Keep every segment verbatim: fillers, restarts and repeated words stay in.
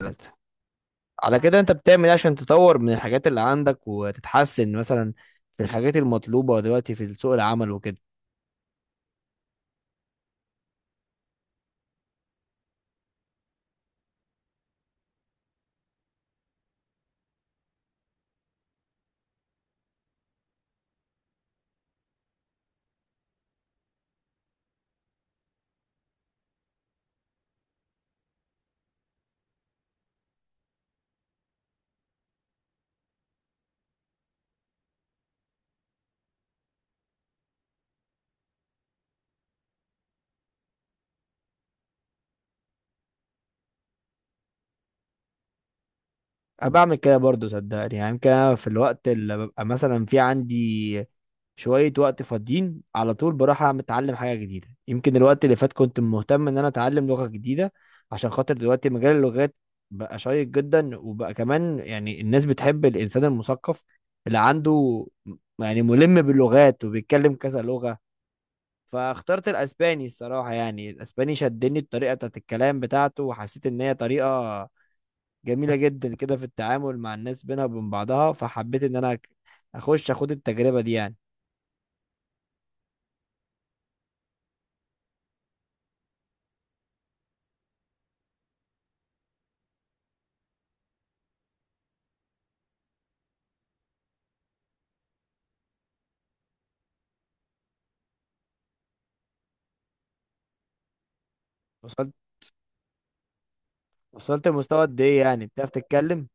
ثلاثة. على كده انت بتعمل ايه عشان تطور من الحاجات اللي عندك وتتحسن مثلا في الحاجات المطلوبة دلوقتي في سوق العمل وكده؟ انا بعمل كده برضو صدقني، يعني يمكن انا في الوقت اللي ببقى مثلا في عندي شوية وقت فاضيين على طول بروح أعمل- اتعلم حاجة جديدة. يمكن الوقت اللي فات كنت مهتم ان انا اتعلم لغة جديدة، عشان خاطر دلوقتي مجال اللغات بقى شيق جدا، وبقى كمان يعني الناس بتحب الانسان المثقف اللي عنده م- يعني ملم باللغات وبيتكلم كذا لغة. فاخترت الاسباني، الصراحه يعني الاسباني شدني الطريقه بتاعت الكلام بتاعته، وحسيت ان هي طريقه جميله جدا كده في التعامل مع الناس بينها وبين بعضها، فحبيت ان انا أك- اخش اخد التجربه دي يعني. وصلت. وصلت لمستوى قد ايه يعني بتعرف تتكلم؟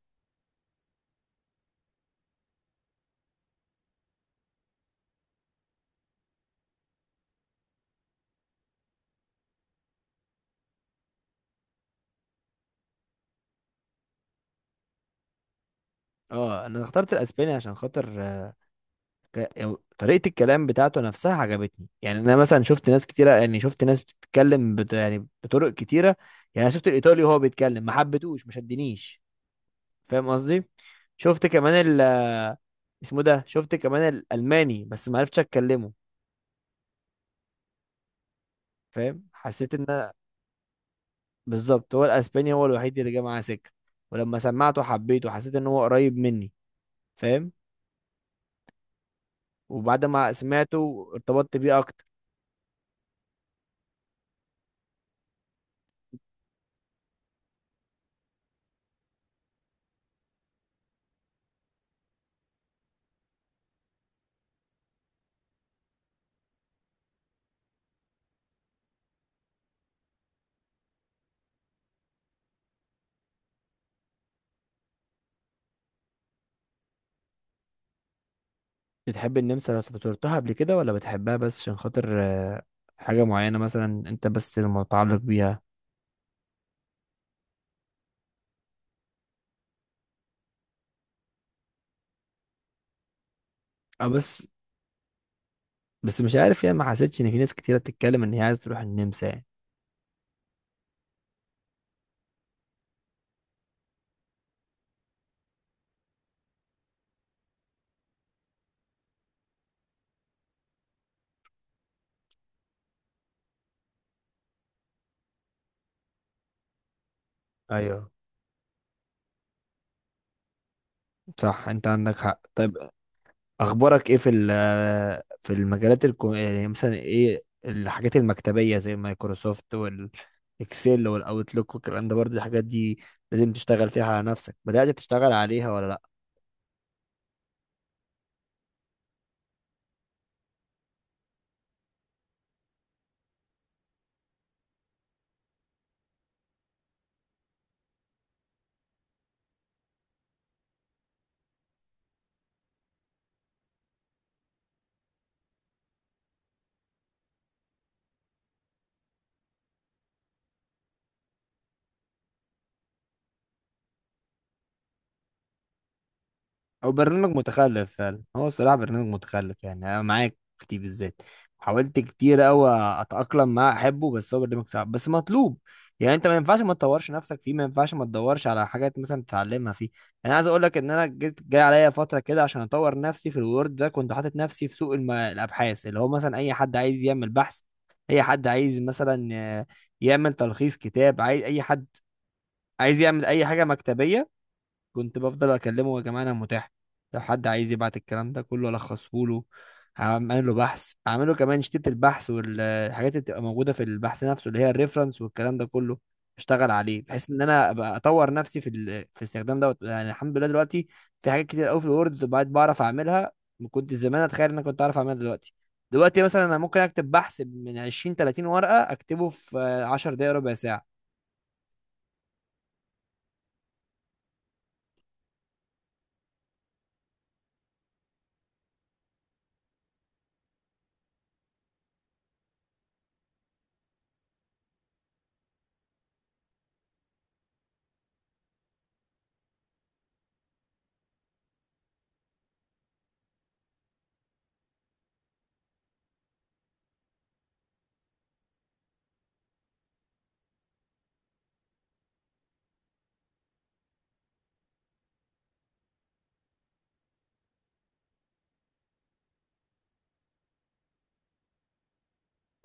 اه انا اخترت الاسباني عشان خاطر آه، ك- يعني طريقه الكلام بتاعته نفسها عجبتني. يعني انا مثلا شفت ناس كتيره، يعني شفت ناس بتتكلم بت... يعني بطرق كتيره. يعني أنا شفت الايطالي وهو بيتكلم ما حبيتهوش، ما شدنيش. فاهم قصدي؟ شفت كمان ال، اسمه ده، شفت كمان الالماني بس ما عرفتش اتكلمه. فاهم؟ حسيت ان أنا- بالظبط هو الاسباني هو الوحيد اللي جه معاه سكه. ولما سمعته حبيته، حسيت ان هو قريب مني. فاهم؟ وبعد ما سمعته ارتبطت بيه اكتر. بتحب النمسا لو زرتها قبل كده، ولا بتحبها بس عشان خاطر آه، حاجه معينه مثلا انت بس المتعلق بيها؟ اه بس، بس مش عارف يعني ما حسيتش ان في ناس كتيره بتتكلم ان هي عايزه تروح النمسا يعني. ايوه، صح، انت عندك حق. طيب، اخبارك ايه في ال- في المجالات الكو... يعني مثلا ايه الحاجات المكتبيه زي مايكروسوفت والاكسل والاوتلوك والكلام ده؟ برضه الحاجات دي لازم تشتغل فيها على نفسك، بدأت تشتغل عليها ولا؟ او برنامج متخلف فعلا هو، الصراحه برنامج متخلف، يعني انا معاك في دي بالذات. حاولت كتير قوي اتاقلم معاه احبه، بس هو برنامج صعب بس مطلوب. يعني انت ما ينفعش ما تطورش نفسك فيه، ما ينفعش ما تدورش على حاجات مثلا تتعلمها فيه. يعني انا عايز اقول لك ان انا جيت جاي عليا فتره كده عشان اطور نفسي في الوورد ده. كنت حاطط نفسي في سوق الم... الابحاث، اللي هو مثلا اي حد عايز يعمل بحث، اي حد عايز مثلا آه، يعمل تلخيص كتاب، عايز اي حد عايز يعمل اي حاجه مكتبيه. كنت بفضل اكلمه يا جماعه انا متاح، لو حد عايز يبعت الكلام ده كله الخصه له، هعمل له بحث، اعمله كمان شتيت البحث والحاجات اللي بتبقى موجوده في البحث نفسه اللي هي الريفرنس والكلام ده كله. اشتغل عليه بحيث ان انا ابقى اطور نفسي في ال... في الاستخدام دوت. يعني الحمد لله دلوقتي في حاجات كتير قوي في الوورد بقيت بعرف اعملها، ما كنت زمان اتخيل ان انا كنت اعرف اعملها دلوقتي. دلوقتي مثلا انا ممكن اكتب بحث من عشرين تلاتين ورقه اكتبه في عشر دقائق ربع ساعه.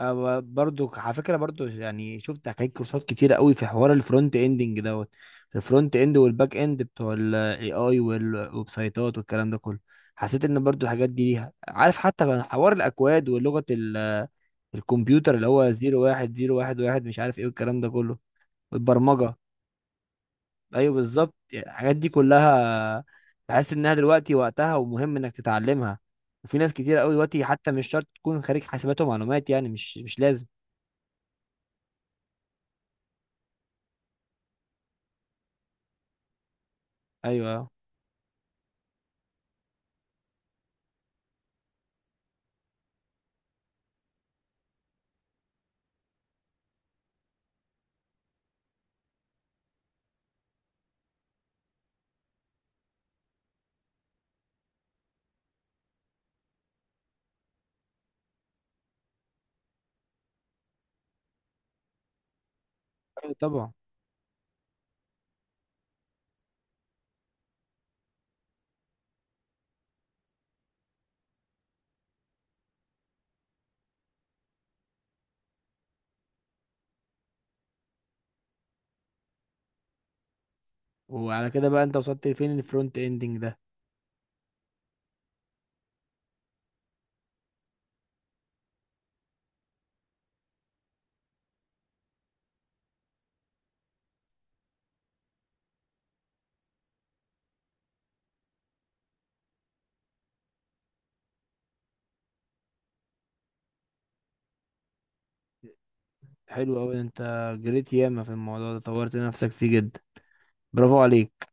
أو برضو على فكره، برضو يعني شفت حكايه كورسات كتيره قوي في حوار الفرونت اندنج دوت. الفرونت اند والباك اند بتوع الاي اي والويب سايتات والكلام ده كله، حسيت ان برضو الحاجات دي ليها، عارف، حتى كان حوار الاكواد ولغه ال- الكمبيوتر اللي هو زيرو واحد زيرو واحد واحد مش عارف ايه والكلام ده كله. والبرمجه، ايوه بالظبط. يعني الحاجات دي كلها بحس انها دلوقتي وقتها ومهم انك تتعلمها. وفي ناس كتير قوي دلوقتي حتى مش شرط تكون خريج حاسبات ومعلومات، يعني مش مش لازم. ايوه، أيوة طبعا. وعلى كده بقى انت وصلت فين الفرونت اندنج ده؟ حلو قوي، انت جريت ياما في الموضوع ده، طورت نفسك فيه جدا، برافو عليك.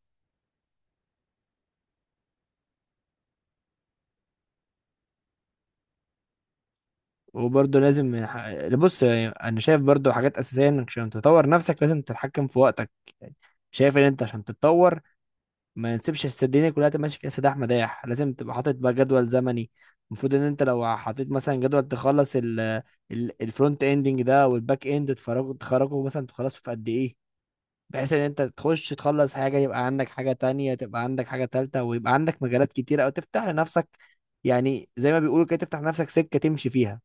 وبرضه لازم من حق... بص يعني انا شايف برضه حاجات اساسيه، انك عشان تطور نفسك لازم تتحكم في وقتك. يعني شايف ان انت عشان تتطور ما نسيبش الدنيا كلها تبقى ماشي فيها سداح مداح، لازم تبقى حاطط بقى جدول زمني. المفروض ان انت لو حطيت مثلا جدول تخلص ال الفرونت اندنج ده والباك اند، تفرغه تخرجه مثلا تخلصه في قد ايه، بحيث ان انت تخش تخلص حاجة يبقى عندك حاجة تانية، تبقى عندك حاجة تالتة، ويبقى عندك مجالات كتيرة او تفتح لنفسك، يعني زي ما بيقولوا كده تفتح لنفسك سكة تمشي فيها.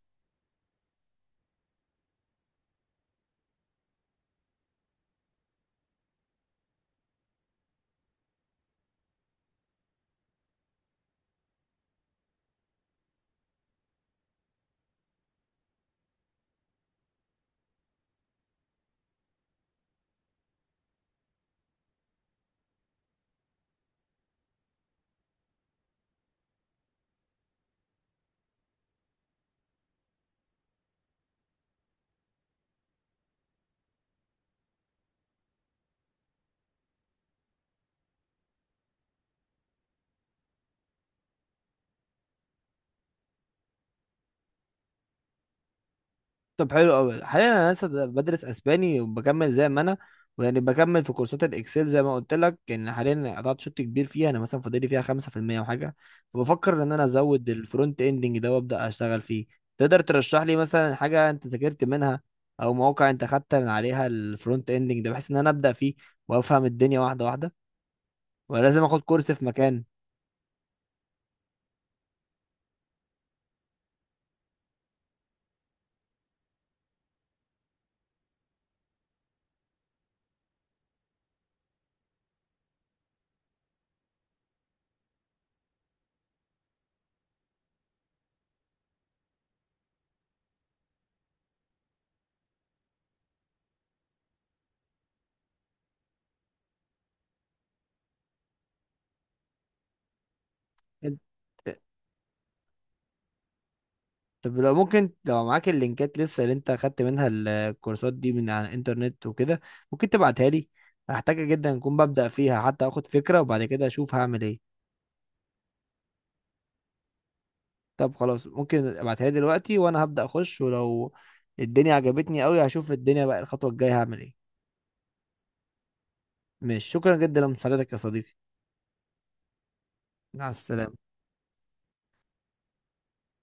طب حلو قوي. حاليا انا لسه بدرس اسباني وبكمل زي ما انا، ويعني بكمل في كورسات الاكسل زي ما قلت لك، ان حاليا قطعت شوط كبير فيها، انا مثلا فاضلي فيها خمسة في المية وحاجه. فبفكر ان انا ازود الفرونت اندنج ده وابدا اشتغل فيه. تقدر ترشح لي مثلا حاجه انت ذاكرت منها او مواقع انت خدت من عليها الفرونت اندنج ده، بحيث ان انا ابدا فيه وافهم الدنيا واحده واحده؟ ولا لازم اخد كورس في مكان؟ طب لو ممكن، لو معاك اللينكات لسه اللي انت اخدت منها الكورسات دي من على الانترنت وكده، ممكن تبعتها لي؟ هحتاجها جدا، اكون ببدأ فيها حتى اخد فكرة وبعد كده اشوف هعمل ايه. طب خلاص ممكن ابعتها لي دلوقتي وانا هبدأ اخش، ولو الدنيا عجبتني قوي هشوف الدنيا بقى الخطوة الجاية هعمل ايه. ماشي، شكرا جدا لمساعدتك يا صديقي. مع السلامة.